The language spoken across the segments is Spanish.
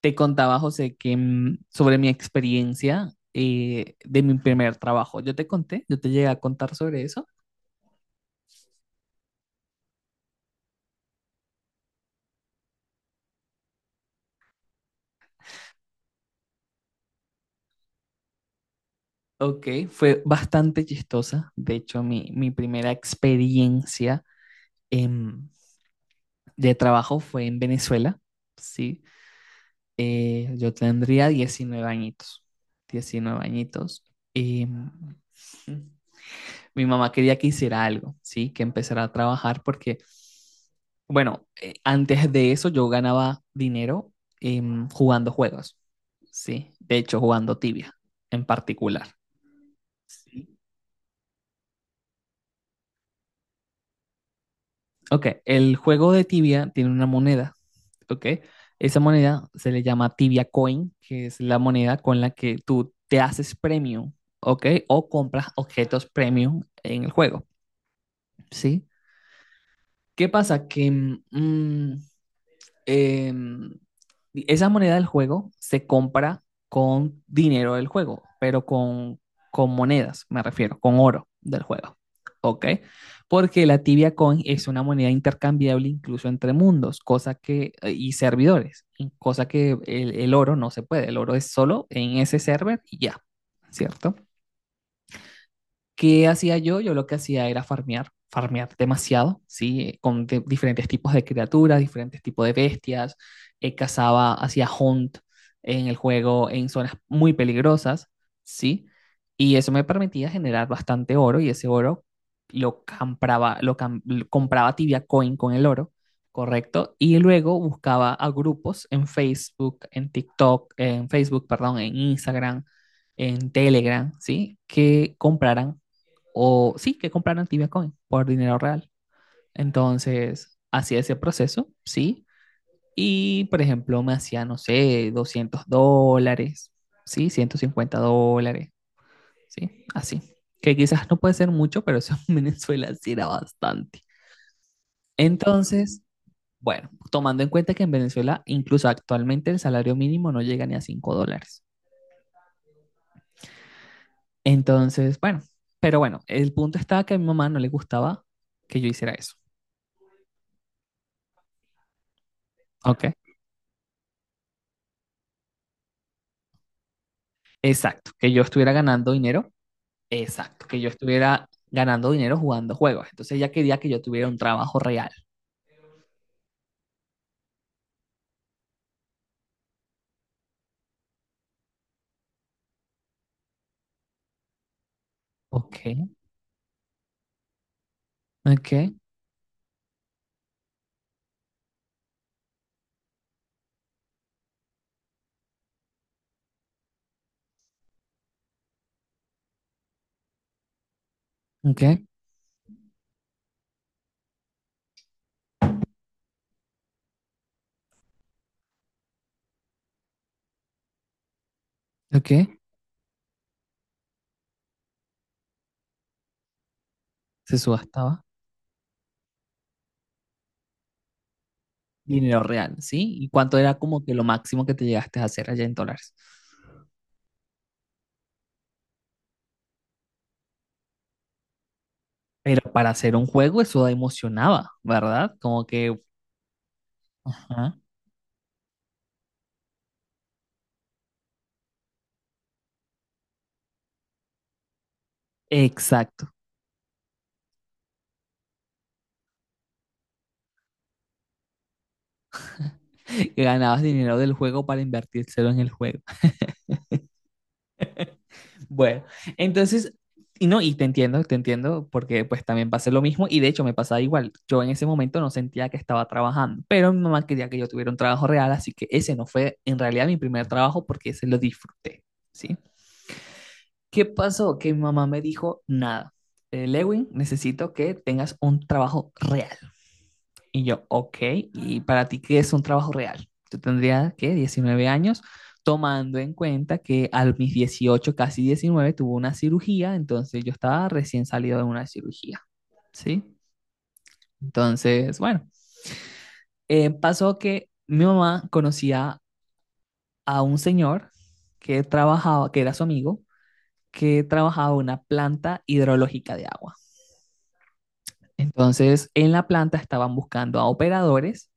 Te contaba, José, que sobre mi experiencia de mi primer trabajo. Yo te llegué a contar sobre eso. Ok, fue bastante chistosa. De hecho, mi primera experiencia em, de trabajo fue en Venezuela. Sí. Yo tendría 19 añitos. 19 añitos. Em, Mi mamá quería que hiciera algo, ¿sí? Que empezara a trabajar porque, bueno, antes de eso yo ganaba dinero, jugando juegos, ¿sí? De hecho, jugando tibia en particular. Ok, el juego de tibia tiene una moneda, ¿ok? Esa moneda se le llama tibia coin, que es la moneda con la que tú te haces premium, ¿ok? O compras objetos premium en el juego, ¿sí? ¿Qué pasa? Mm, eh, Esa moneda del juego se compra con dinero del juego, pero con monedas, me refiero, con oro del juego. ¿Ok? Porque la Tibia Coin es una moneda intercambiable incluso entre mundos, cosa que, y servidores, cosa que el oro no se puede. El oro es solo en ese server y ya, ¿cierto? ¿Qué hacía yo? Yo lo que hacía era farmear, farmear demasiado, ¿sí? Con diferentes tipos de criaturas, diferentes tipos de bestias. Cazaba, hacía hunt en el juego en zonas muy peligrosas, ¿sí? Y eso me permitía generar bastante oro y ese oro lo compraba Tibia Coin con el oro, ¿correcto? Y luego buscaba a grupos en Facebook, en TikTok, en Facebook, perdón, en Instagram, en Telegram, ¿sí? Que compraran o sí, que compraron Tibia Coin por dinero real. Entonces, hacía ese proceso, sí, y por ejemplo, me hacía, no sé, $200, sí, $150, sí, así. Que quizás no puede ser mucho, pero eso en Venezuela sí era bastante. Entonces, bueno, tomando en cuenta que en Venezuela, incluso actualmente, el salario mínimo no llega ni a $5. Entonces, bueno, pero bueno, el punto estaba que a mi mamá no le gustaba que yo hiciera eso, ¿ok? Exacto, que yo estuviera ganando dinero. Exacto, que yo estuviera ganando dinero jugando juegos. Entonces ella quería que yo tuviera un trabajo real. Ok, ok, ok, ok. Se subastaba. Dinero real, ¿sí? ¿Y cuánto era como que lo máximo que te llegaste a hacer allá en dólares? Pero para hacer un juego eso emocionaba, ¿verdad? Como que... Ajá. Exacto. Que ganabas dinero del juego para invertírselo en el juego. Bueno, entonces, y no, y te entiendo, porque pues también pasé lo mismo y de hecho me pasaba igual. Yo en ese momento no sentía que estaba trabajando, pero mi mamá quería que yo tuviera un trabajo real, así que ese no fue en realidad mi primer trabajo porque ese lo disfruté, ¿sí? ¿Qué pasó? Que mi mamá me dijo, nada, Lewin, necesito que tengas un trabajo real. Y yo, ok, ¿y para ti qué es un trabajo real? Yo tendría, ¿qué? 19 años, tomando en cuenta que a mis 18 casi 19 tuvo una cirugía, entonces yo estaba recién salido de una cirugía, ¿sí? Entonces, bueno, pasó que mi mamá conocía a un señor que trabajaba, que era su amigo, que trabajaba en una planta hidrológica de agua. Entonces, en la planta estaban buscando a operadores,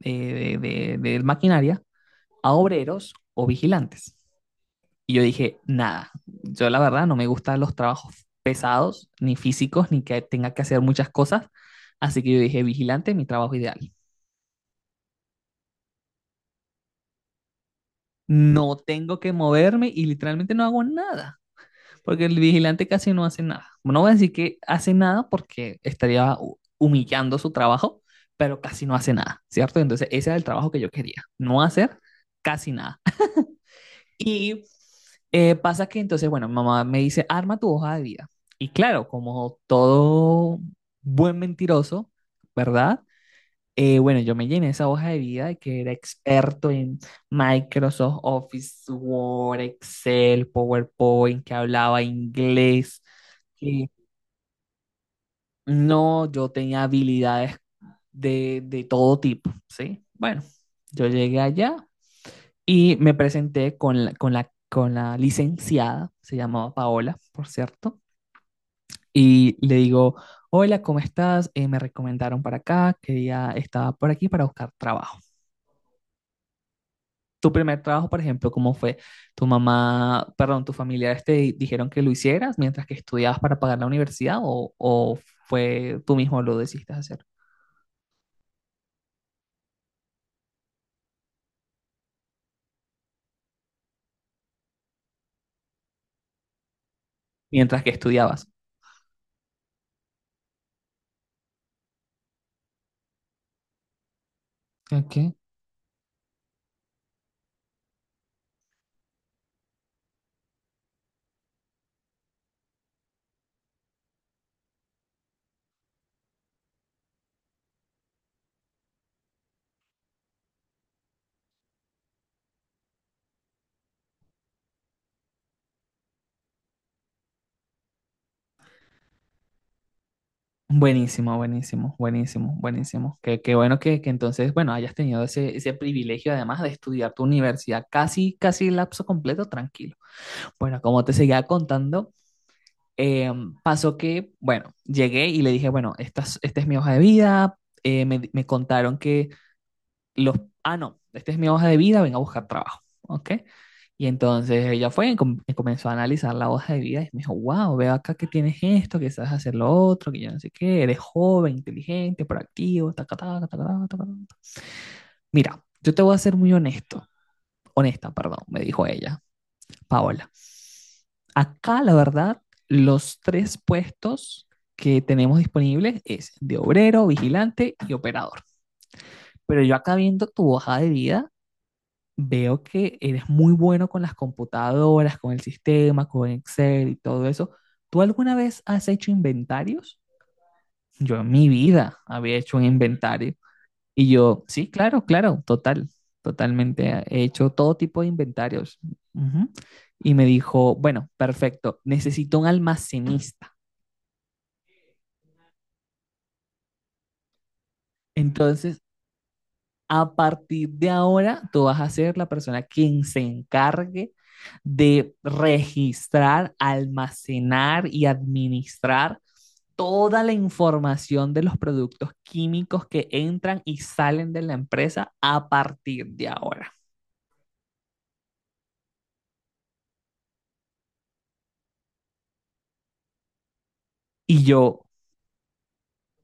de maquinaria, a obreros o vigilantes. Y yo dije, nada, yo la verdad no me gustan los trabajos pesados, ni físicos, ni que tenga que hacer muchas cosas. Así que yo dije, vigilante, mi trabajo ideal. No tengo que moverme y literalmente no hago nada, porque el vigilante casi no hace nada. No voy a decir que hace nada porque estaría humillando su trabajo, pero casi no hace nada, ¿cierto? Entonces ese era el trabajo que yo quería, no hacer casi nada. Y pasa que entonces, bueno, mi mamá me dice, arma tu hoja de vida. Y claro, como todo buen mentiroso, ¿verdad? Bueno, yo me llené esa hoja de vida de que era experto en Microsoft Office, Word, Excel, PowerPoint, que hablaba inglés, que no, yo tenía habilidades de todo tipo, ¿sí? Bueno, yo llegué allá y me presenté con la licenciada, se llamaba Paola, por cierto, y le digo, hola, ¿cómo estás? Me recomendaron para acá, quería, estaba por aquí para buscar trabajo. Tu primer trabajo, por ejemplo, ¿cómo fue? ¿Tu mamá, perdón, tus familiares te dijeron que lo hicieras mientras que estudiabas para pagar la universidad, o fue tú mismo lo decidiste hacer mientras que estudiabas? Ok. Buenísimo, buenísimo, buenísimo, buenísimo. Qué bueno que entonces, bueno, hayas tenido ese privilegio además de estudiar tu universidad casi, casi lapso completo, tranquilo. Bueno, como te seguía contando, eh, pasó que, bueno, llegué y le dije, bueno, esta es, mi hoja de vida. Me contaron que los, ah, no, esta es mi hoja de vida, ven a buscar trabajo, ¿ok? Y entonces ella fue y y comenzó a analizar la hoja de vida y me dijo, wow, veo acá que tienes esto, que sabes hacer lo otro, que yo no sé qué, eres joven, inteligente, proactivo, taca, taca, taca, taca, taca, taca". Mira, yo te voy a ser muy honesto, honesta, perdón, me dijo ella, Paola. Acá, la verdad, los tres puestos que tenemos disponibles es de obrero, vigilante y operador. Pero yo acá viendo tu hoja de vida, veo que eres muy bueno con las computadoras, con el sistema, con Excel y todo eso. ¿Tú alguna vez has hecho inventarios? Yo en mi vida había hecho un inventario. Y yo, sí, claro, claro, total, totalmente. He hecho todo tipo de inventarios. Ujú. Y me dijo, bueno, perfecto, necesito un almacenista. Entonces, a partir de ahora, tú vas a ser la persona quien se encargue de registrar, almacenar y administrar toda la información de los productos químicos que entran y salen de la empresa a partir de ahora. Y yo,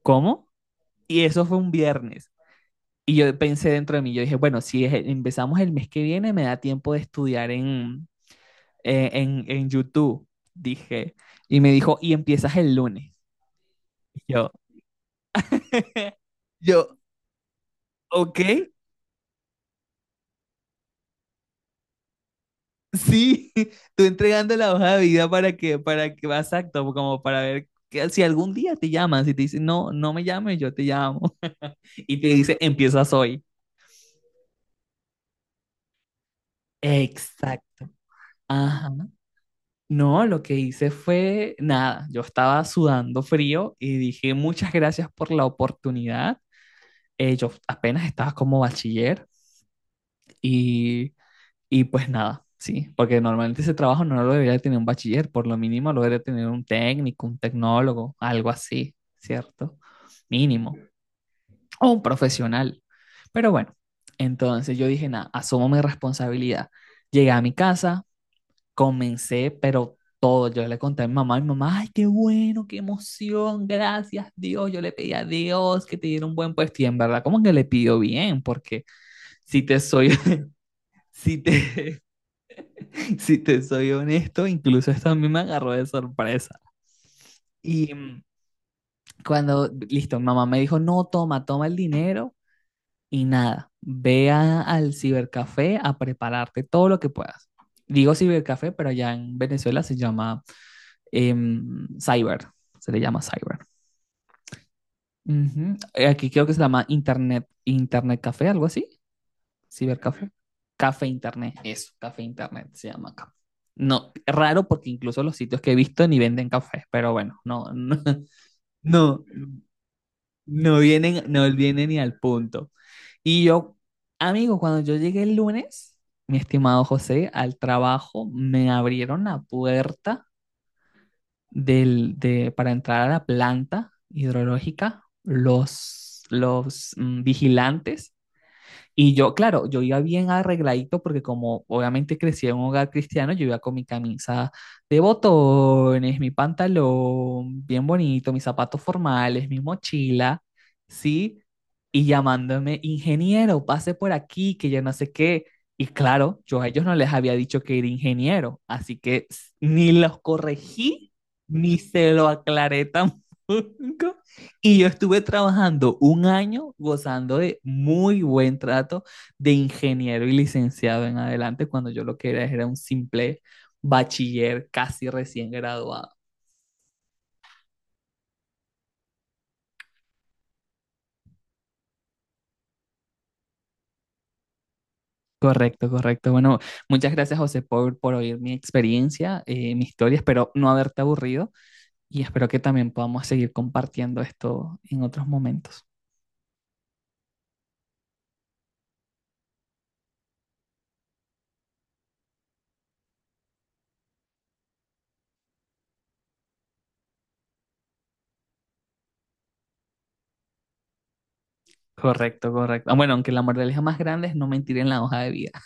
¿cómo? Y eso fue un viernes. Y yo pensé dentro de mí, yo dije, bueno, si empezamos el mes que viene, me da tiempo de estudiar en YouTube, dije. Y me dijo, y empiezas el lunes. Y yo, yo, ok, sí, tú entregando la hoja de vida para que, exacto, como para ver que si algún día te llaman, si te dicen, no, no me llames, yo te llamo. Y te dice, empiezas hoy. Exacto. Ajá. No, lo que hice fue nada. Yo estaba sudando frío y dije muchas gracias por la oportunidad. Yo apenas estaba como bachiller y Y pues nada, sí, porque normalmente ese trabajo no lo debería tener un bachiller, por lo mínimo lo debería tener un técnico, un tecnólogo, algo así, ¿cierto? Mínimo, o un profesional. Pero bueno, entonces yo dije, nada, asumo mi responsabilidad. Llegué a mi casa, comencé, pero todo, yo le conté a mi mamá, ay, qué bueno, qué emoción, gracias Dios, yo le pedí a Dios que te diera un buen puesto y en verdad como que le pidió bien, porque si te soy, si te, si te soy honesto, incluso esto a mí me agarró de sorpresa. Y cuando, listo, mamá me dijo, no, toma, toma el dinero y nada, al cibercafé a prepararte todo lo que puedas. Digo cibercafé, pero allá en Venezuela se llama cyber, se le llama cyber. Ujú. Aquí creo que se llama internet, internet café, algo así. Cibercafé. Café Internet, eso, Café Internet se llama acá. No, raro porque incluso los sitios que he visto ni venden cafés, pero bueno, no, no, no, no vienen, no vienen ni al punto. Y yo, amigo, cuando yo llegué el lunes, mi estimado José, al trabajo me abrieron la puerta para entrar a la planta hidrológica los vigilantes, y yo, claro, yo iba bien arregladito porque como obviamente crecí en un hogar cristiano, yo iba con mi camisa de botones, mi pantalón bien bonito, mis zapatos formales, mi mochila, ¿sí? Y llamándome, ingeniero, pase por aquí, que yo no sé qué. Y claro, yo a ellos no les había dicho que era ingeniero, así que ni los corregí, ni se lo aclaré tampoco. Y yo estuve trabajando un año gozando de muy buen trato de ingeniero y licenciado en adelante, cuando yo lo que era era un simple bachiller casi recién graduado. Correcto, correcto. Bueno, muchas gracias José por oír mi experiencia, mi historia. Espero no haberte aburrido y espero que también podamos seguir compartiendo esto en otros momentos. Correcto, correcto. Ah, bueno, aunque la moraleja más grande es no mentir en la hoja de vida.